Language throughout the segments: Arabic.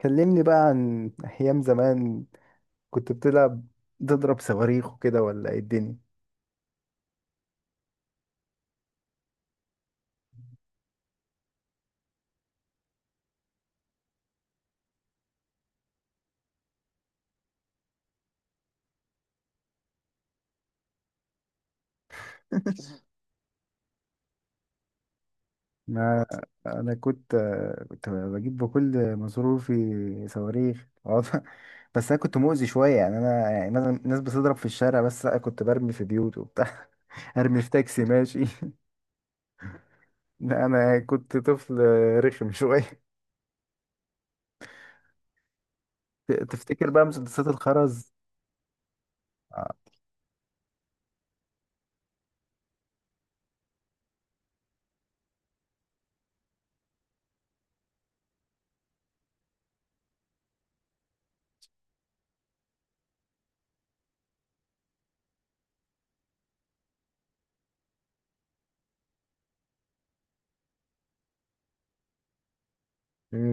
كلمني بقى عن أيام زمان كنت بتلعب تضرب صواريخ وكده ولا إيه الدنيا؟ ما أنا كنت بجيب بكل مصروفي صواريخ، بس أنا كنت مؤذي شوية، يعني أنا يعني مثلا الناس بتضرب في الشارع، بس لأ كنت برمي في بيوت وبتاع. أرمي في تاكسي ماشي. لا أنا كنت طفل رخم شوية. تفتكر بقى مسدسات الخرز؟ آه.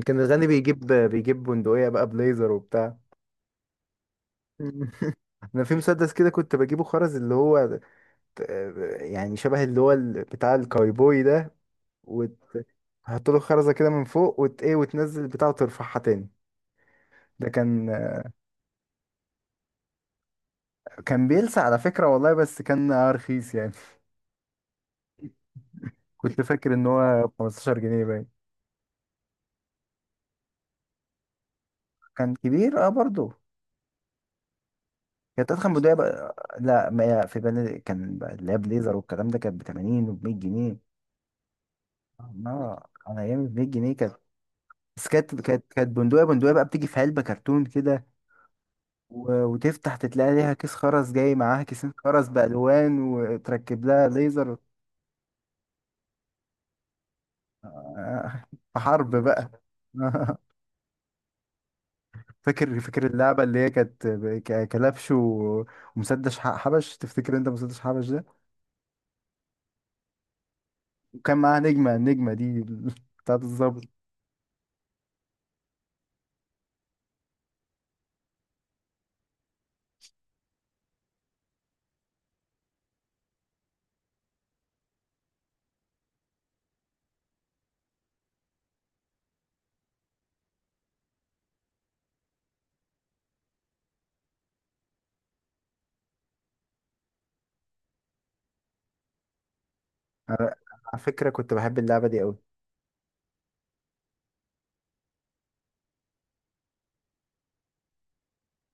كان الغني بيجيب بندقية بقى بليزر وبتاع. انا في مسدس كده كنت بجيبه خرز، اللي هو يعني شبه اللي هو بتاع الكايبوي ده، وتحط له خرزه كده من فوق، وت ايه وتنزل البتاع وترفعها تاني. ده كان بيلسع على فكره والله، بس كان رخيص يعني. كنت فاكر ان هو ب 15 جنيه باين. كان كبير اه برضه. كانت اضخم بدايه بقى، لا ما هي في بني، كان بقى اللي هي بليزر والكلام ده كانت ب 80 وب 100 جنيه. اه على ايام ب 100 جنيه كانت. بس كانت بندقيه بقى بتيجي في علبه كرتون كده. وتفتح تتلاقي ليها كيس خرز جاي معاها كيسين خرز بألوان، وتركب لها ليزر. آه، حرب بقى. فاكر اللعبة اللي هي كانت كلبش ومسدس حبش، تفتكر انت مسدس حبش ده؟ وكان معاها نجمة، النجمة دي بتاعت الظابط. أنا- على فكرة كنت بحب اللعبة دي قوي.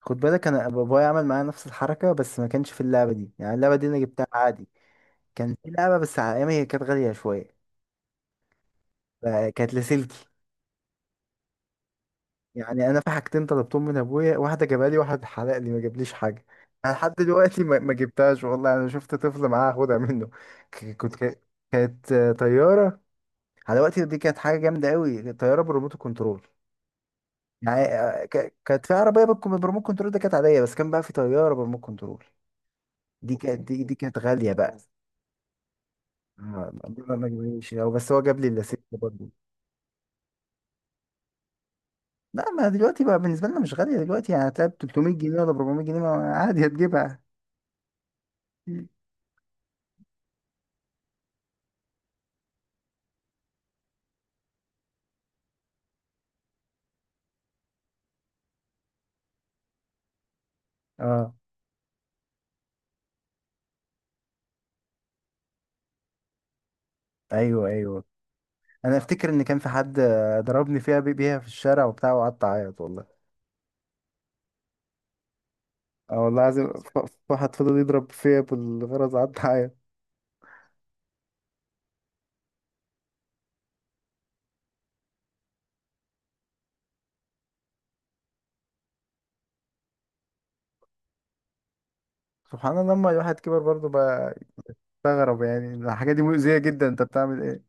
خد بالك انا بابايا عمل معايا نفس الحركة، بس ما كانش في اللعبة دي، يعني اللعبة دي انا جبتها عادي. كان في لعبة بس على ايامي هي كانت غالية شوية. آه، كانت لاسلكي. يعني انا في حاجتين طلبتهم من ابويا، واحده جابها لي، واحد حرق لي ما جابليش حاجه. انا لحد دلوقتي ما جبتهاش والله، انا شفت طفل معاه اخدها منه. ك- كنت ك- كانت طياره. على وقتي دي كانت حاجه جامده قوي، طياره بريموت كنترول. يعني كانت في عربيه بالريموت كنترول، ده كانت عاديه، بس كان بقى في طياره بريموت كنترول. دي كانت دي كانت غاليه بقى. آه، ما جابليش هو، بس هو جاب لي اللاسلكي برضه. لا ما دلوقتي بقى بالنسبه لنا مش غاليه دلوقتي، يعني هتلاقي ب 300 جنيه ولا 400 جنيه، عادي هتجيبها. اه، ايوه، ايوه. انا افتكر ان كان في حد ضربني فيها بيها في الشارع وبتاع، وقعدت اعيط والله. اه والله العظيم، واحد فضل يضرب فيا بالغرز، قعدت اعيط. سبحان الله، لما الواحد كبر برضه بقى يستغرب، يعني الحاجه دي مؤذيه جدا، انت بتعمل ايه؟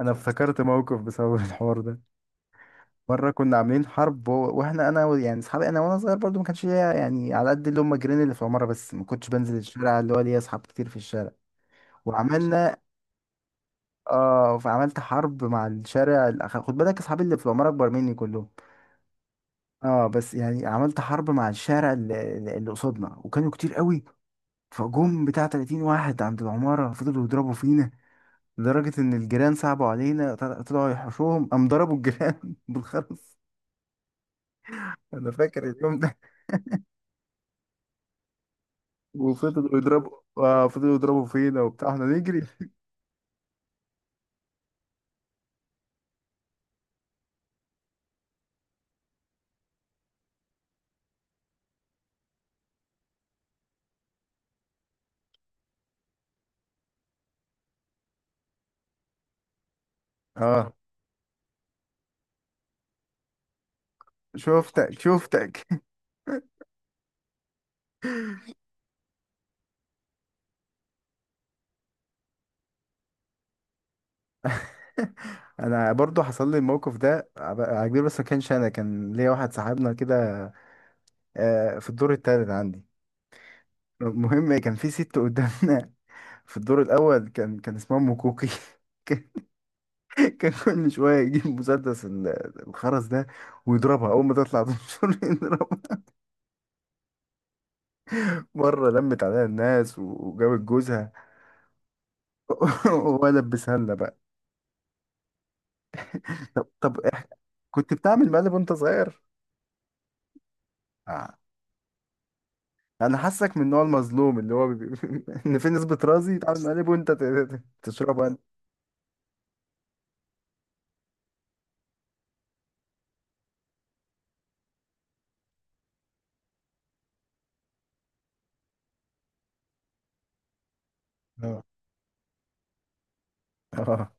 انا افتكرت موقف بسبب الحوار ده. مره كنا عاملين حرب واحنا انا يعني اصحابي، انا وانا صغير برضه ما كانش ليا يعني على قد اللي هم جيران اللي في العماره، بس ما كنتش بنزل الشارع، اللي هو ليا اصحاب كتير في الشارع. وعملنا. اه، فعملت حرب مع الشارع خد بالك اصحابي اللي في العمارة اكبر مني كلهم. اه بس يعني عملت حرب مع الشارع اللي قصادنا، وكانوا كتير قوي. فجم بتاع 30 واحد عند العمارة، فضلوا يضربوا فينا. لدرجة ان الجيران صعبوا علينا، طلعوا يحوشوهم، قام ضربوا الجيران بالخرز. انا فاكر اليوم ده. وفضلوا يضربوا. اه فضلوا يضربوا فينا وبتاع احنا نجري. اه، شفتك شفتك. انا برضو حصل لي الموقف ده عجيب، بس ما كانش انا، كان ليا واحد صاحبنا كده في الدور التالت عندي. المهم كان في ست قدامنا في الدور الاول، كان اسمها ام كوكي. كان كان كل شويه يجيب مسدس الخرز ده، ويضربها اول ما تطلع تنشر. يضربها، مره لمت عليها الناس وجابت جوزها. وهو لبسها لنا بقى. طب طب كنت بتعمل مقلب وانت صغير؟ آه. انا حاسك من النوع المظلوم اللي هو ان في نسبة رازي يتعمل مقلب وانت تشربه انت. آه. اه،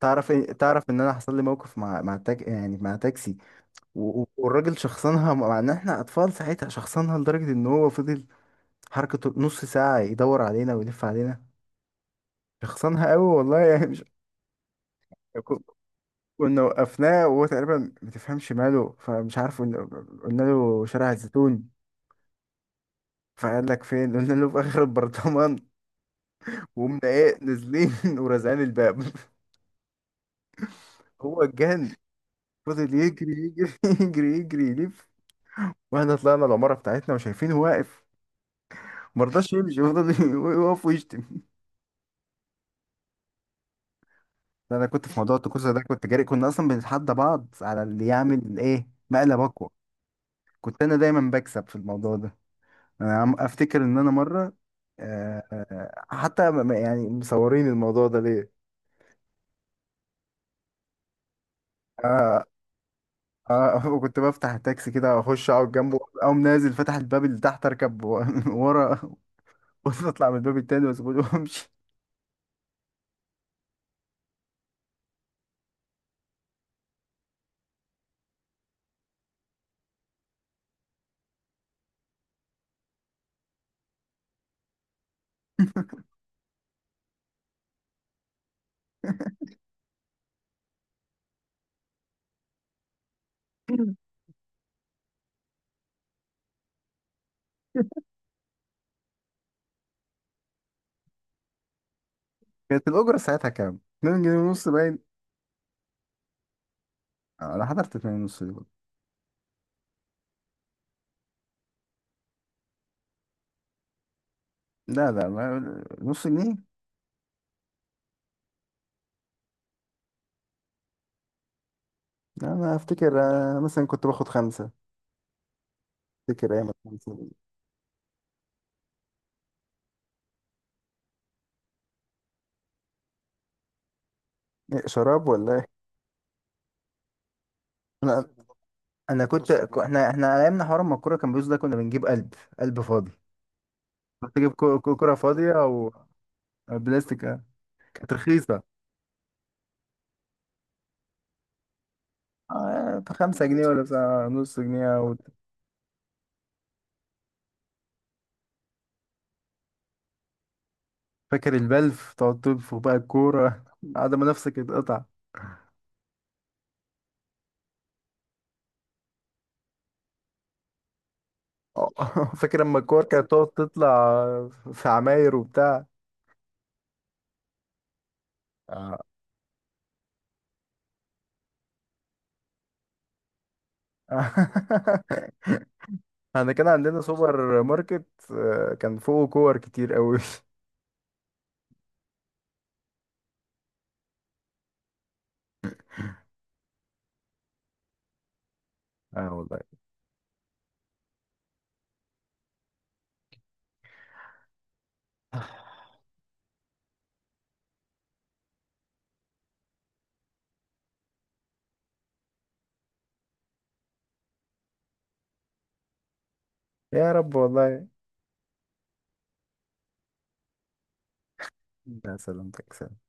تعرف ان انا حصل لي موقف مع يعني مع تاكسي. والراجل شخصنها، مع ان احنا اطفال ساعتها، شخصنها لدرجة ان هو فضل حركته نص ساعة يدور علينا ويلف علينا. شخصنها قوي والله، يعني مش. ك- كنا وقفناه وهو تقريبا ما تفهمش ماله، فمش عارف، قلنا له شارع الزيتون. فقال لك فين، قلنا له في اخر البرطمان، وقمنا ايه نازلين ورازعين الباب. هو اتجن، فضل يجري يجري يجري يجري يلف. واحنا طلعنا العمارة بتاعتنا وشايفينه واقف، مرضاش يمشي، فضل يقف ويشتم. انا كنت في موضوع الطقوسة ده كنت جاري، كنا اصلا بنتحدى بعض على اللي يعمل ايه مقلب اقوى. كنت انا دايما بكسب في الموضوع ده. انا عم افتكر ان انا مرة حتى يعني مصورين الموضوع ده ليه. آه، اه كنت بفتح التاكسي كده، اخش اقعد جنبه، اقوم نازل فتح الباب اللي تحت، اركب ورا. واطلع من الباب التاني واسيبه، وامشي. كانت الاجره ساعتها كام؟ 2 جنيه ونص باين. آه، انا حضرت 2 ونص دي برضه. لا لا، ما نص جنيه. لا، انا افتكر مثلا كنت باخد خمسه. افتكر ايام الخمسة دي. إيه، شراب ولا ايه؟ انا انا كنت احنا على ايامنا حوار ما الكوره كان بيوز ده، كنا بنجيب قلب، قلب فاضي. كنت تجيب كوره فاضيه، او أو بلاستيك. آه. كانت رخيصه. بخمسة جنيه ولا بتاع نص جنيه. وفاكر البلف تقعد تنفخ بقى الكورة بعد ما نفسك اتقطع. آه، فاكر لما الكور كانت تقعد تطلع في عماير وبتاع. آه. احنا كان عندنا سوبر ماركت، كان فوقه كور كتير قوي. اه والله. يا رب والله. لا سلامتك، سلام.